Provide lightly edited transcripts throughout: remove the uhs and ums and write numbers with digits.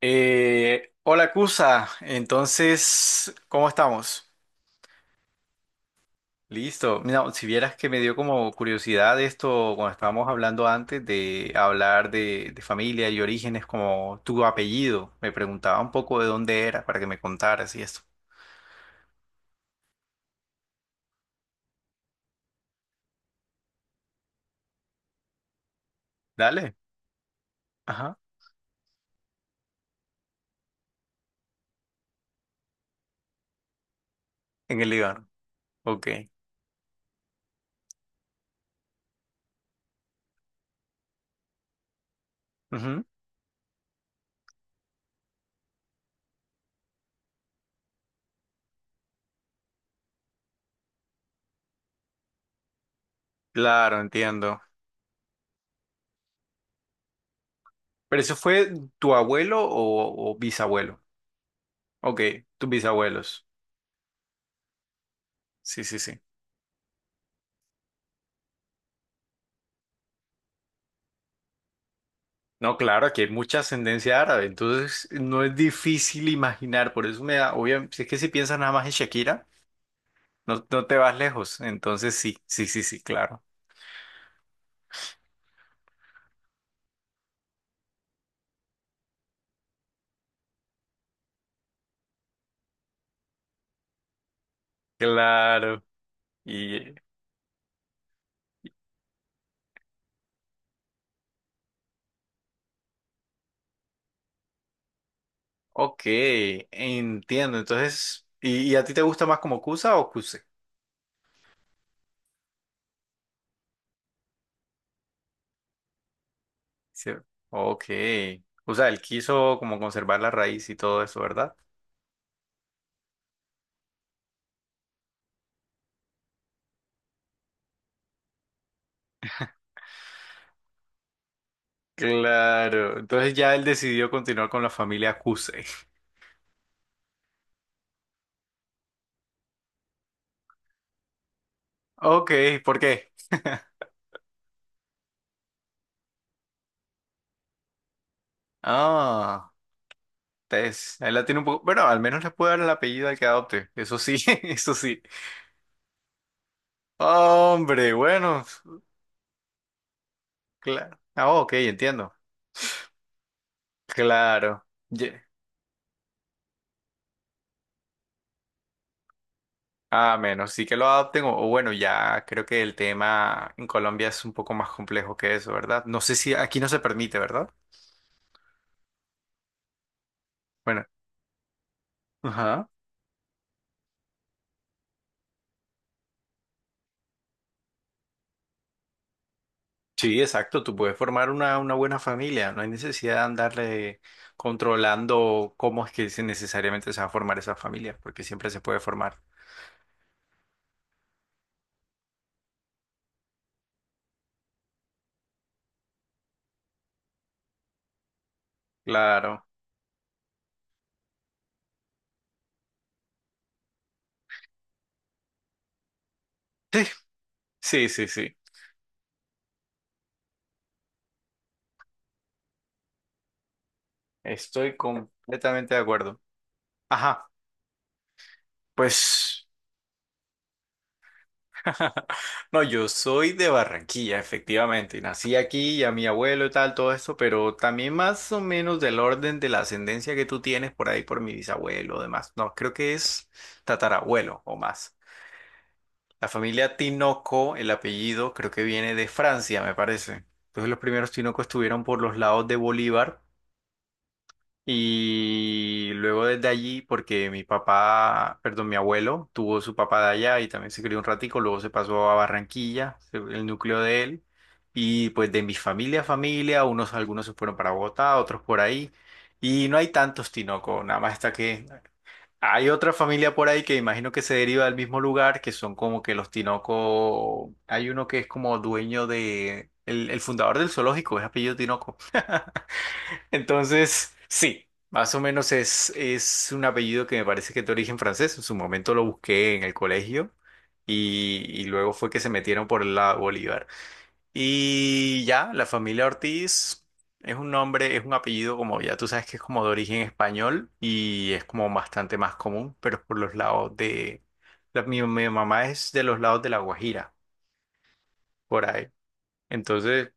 Hola Cusa, entonces, ¿cómo estamos? Listo. Mira, si vieras que me dio como curiosidad esto cuando estábamos hablando antes de hablar de familia y orígenes, como tu apellido, me preguntaba un poco de dónde era para que me contaras y esto. Dale. Ajá. En el Líbano. Ok. Ujú. Claro, entiendo. ¿Pero eso fue tu abuelo o bisabuelo? Ok, tus bisabuelos. Sí, sí, sí. No, claro, aquí hay mucha ascendencia árabe, entonces no es difícil imaginar, por eso me da, obviamente, si es que si piensas nada más en Shakira, no, no te vas lejos, entonces sí, sí, sí, sí, claro, claro, y ok, entiendo, entonces, y a ti te gusta más como Cusa o Cuse? Sí. Ok, o sea, él quiso como conservar la raíz y todo eso, ¿verdad? Claro, entonces ya él decidió continuar con la familia Cuse. Ok, ¿por qué? Ah. Tess, ahí la tiene un poco. Bueno, al menos le puede dar el apellido al que adopte. Eso sí, eso sí. Hombre, bueno, claro. Ah, ok, entiendo. Claro. Ye- A menos sí que lo adopten, o bueno, ya creo que el tema en Colombia es un poco más complejo que eso, ¿verdad? No sé si aquí no se permite, ¿verdad? Bueno, ajá. Sí, exacto. Tú puedes formar una buena familia. No hay necesidad de andarle controlando cómo es que se- necesariamente se va a formar esa familia, porque siempre se puede formar. Claro. Sí, sí, sí, sí. Estoy completamente de acuerdo. Ajá, pues. No, yo soy de Barranquilla, efectivamente. Nací aquí y a mi abuelo y tal, todo esto, pero también más o menos del orden de la ascendencia que tú tienes por ahí por mi bisabuelo o demás. No, creo que es tatarabuelo o más. La familia Tinoco, el apellido, creo que viene de Francia, me parece. Entonces los primeros Tinoco estuvieron por los lados de Bolívar. Y luego desde allí, porque mi papá, perdón, mi abuelo tuvo su papá de allá y también se crió un ratico, luego se pasó a Barranquilla, se- el núcleo de él, y pues de mi familia a familia, unos, algunos se fueron para Bogotá, otros por ahí, y no hay tantos Tinoco, nada más está que hay otra familia por ahí que imagino que se deriva del mismo lugar, que son como que los Tinoco, hay uno que es como dueño de, el fundador del zoológico, es apellido Tinoco. Entonces, sí, más o menos es un apellido que me parece que es de origen francés. En su momento lo busqué en el colegio y luego fue que se metieron por el lado Bolívar. Y ya, la familia Ortiz es un nombre, es un apellido como ya tú sabes que es como de origen español y es como bastante más común, pero es por los lados de... Mi mamá es de los lados de La Guajira, por ahí. Entonces...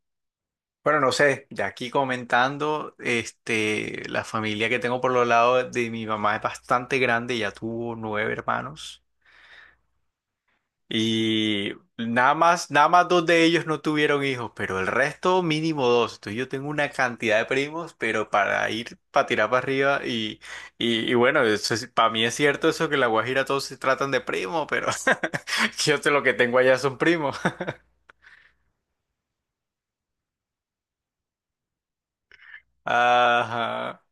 Bueno, no sé, ya aquí comentando, este, la familia que tengo por los lados de mi mamá es bastante grande, ya tuvo nueve hermanos y nada más, nada más dos de ellos no tuvieron hijos, pero el resto mínimo dos. Entonces yo tengo una cantidad de primos, pero para ir, para tirar para arriba y bueno, eso es- para mí es cierto eso que en La Guajira todos se tratan de primo, pero yo sé lo que tengo allá son primos. Ajá,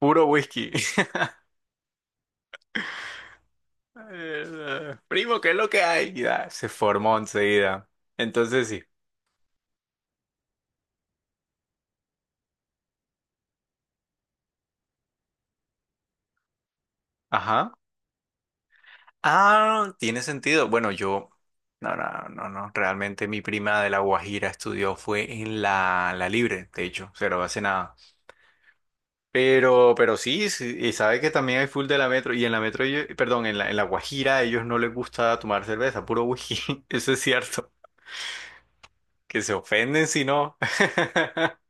puro whisky. Primo, ¿qué es lo que hay? Y ya, se formó enseguida. Entonces sí. Ajá. Ah, tiene sentido. Bueno, yo. No, no, no, no. Realmente mi prima de La Guajira estudió fue en la Libre, de hecho, pero hace nada. Pero sí, sí, y sabe que también hay full de la Metro. Y en la Metro, ellos- perdón, en la Guajira a ellos no les gusta tomar cerveza, puro whisky. Eso es cierto. Que se ofenden si no.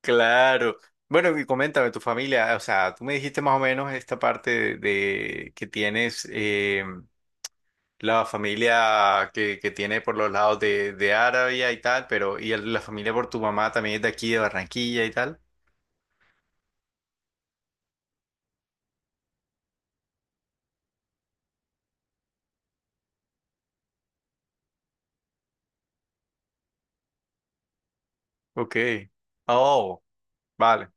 Claro. Bueno, y coméntame tu familia, o sea, tú me dijiste más o menos esta parte de que tienes la familia que tiene por los lados de Arabia y tal, pero y el- la familia por tu mamá también es de aquí, de Barranquilla y tal. Ok. Oh, vale.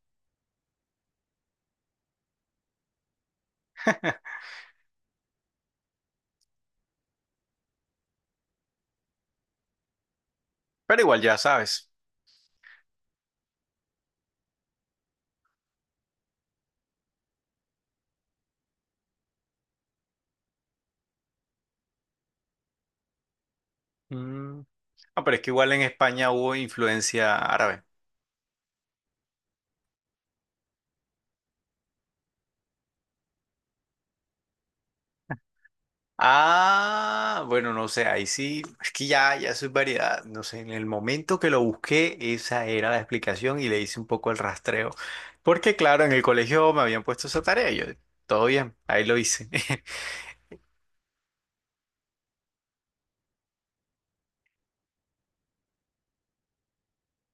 Pero igual ya sabes. Mm. Ah, pero es que igual en España hubo influencia árabe. Ah, bueno, no sé, ahí sí, es que ya, ya soy variedad, no sé, en el momento que lo busqué, esa era la explicación y le hice un poco el rastreo, porque claro, en el colegio me habían puesto esa tarea, y yo, todo bien, ahí lo hice.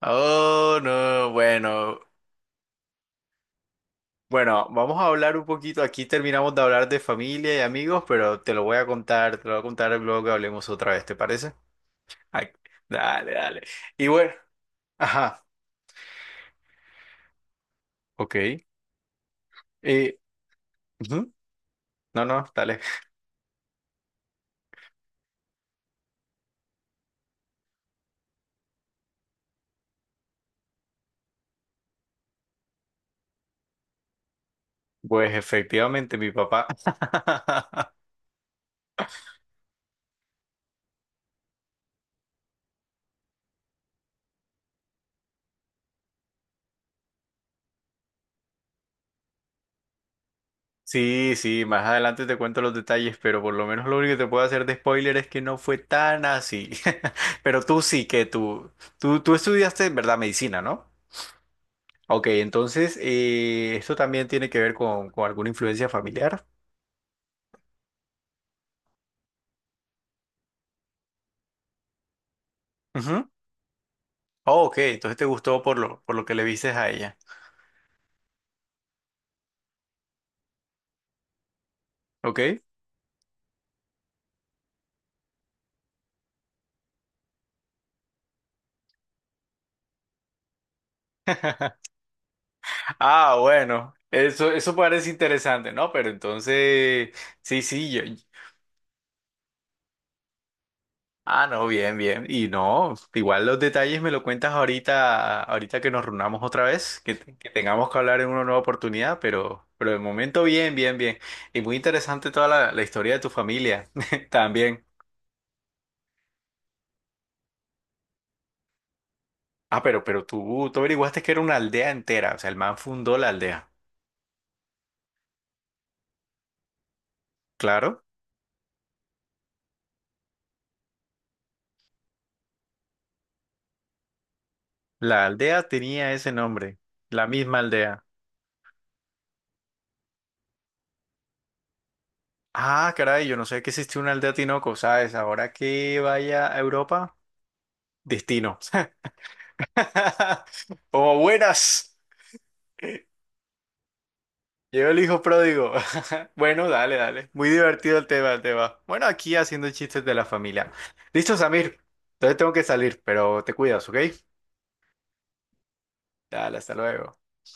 Oh, no, bueno, bueno, vamos a hablar un poquito, aquí terminamos de hablar de familia y amigos, pero te lo voy a contar, te lo voy a contar luego que hablemos otra vez, ¿te parece? Ay, dale, dale. Y bueno, ajá, ok. Eh, ujú, no, no, dale. Pues efectivamente, mi papá. Sí, sí, más adelante te cuento los detalles, pero por lo menos lo único que te puedo hacer de spoiler es que no fue tan así. Pero tú sí que tú estudiaste, ¿verdad? Medicina, ¿no? Ok, entonces, esto también tiene que ver con alguna influencia familiar. Ujú. Oh, ok, entonces te gustó por lo que le viste a ella. Ok. Ah, bueno, eso parece interesante, ¿no? Pero entonces, sí, sí, yo. Ah, no, bien, bien. Y no, igual los detalles me lo cuentas ahorita, ahorita que nos reunamos otra vez, que, te- que tengamos que hablar en una nueva oportunidad, pero de momento bien, bien, bien. Y muy interesante toda la historia de tu familia también. Ah, pero tú averiguaste que era una aldea entera, o sea, el man fundó la aldea. Claro, la aldea tenía ese nombre, la misma aldea. Ah, caray, yo no sé que existió una aldea Tinoco, ¿sabes? Ahora que vaya a Europa, destino. Como buenas. Llegó el hijo pródigo. Bueno, dale, dale. Muy divertido el tema, el tema. Bueno, aquí haciendo chistes de la familia. Listo, Samir. Entonces tengo que salir, pero te cuidas, ¿ok? Dale, hasta luego.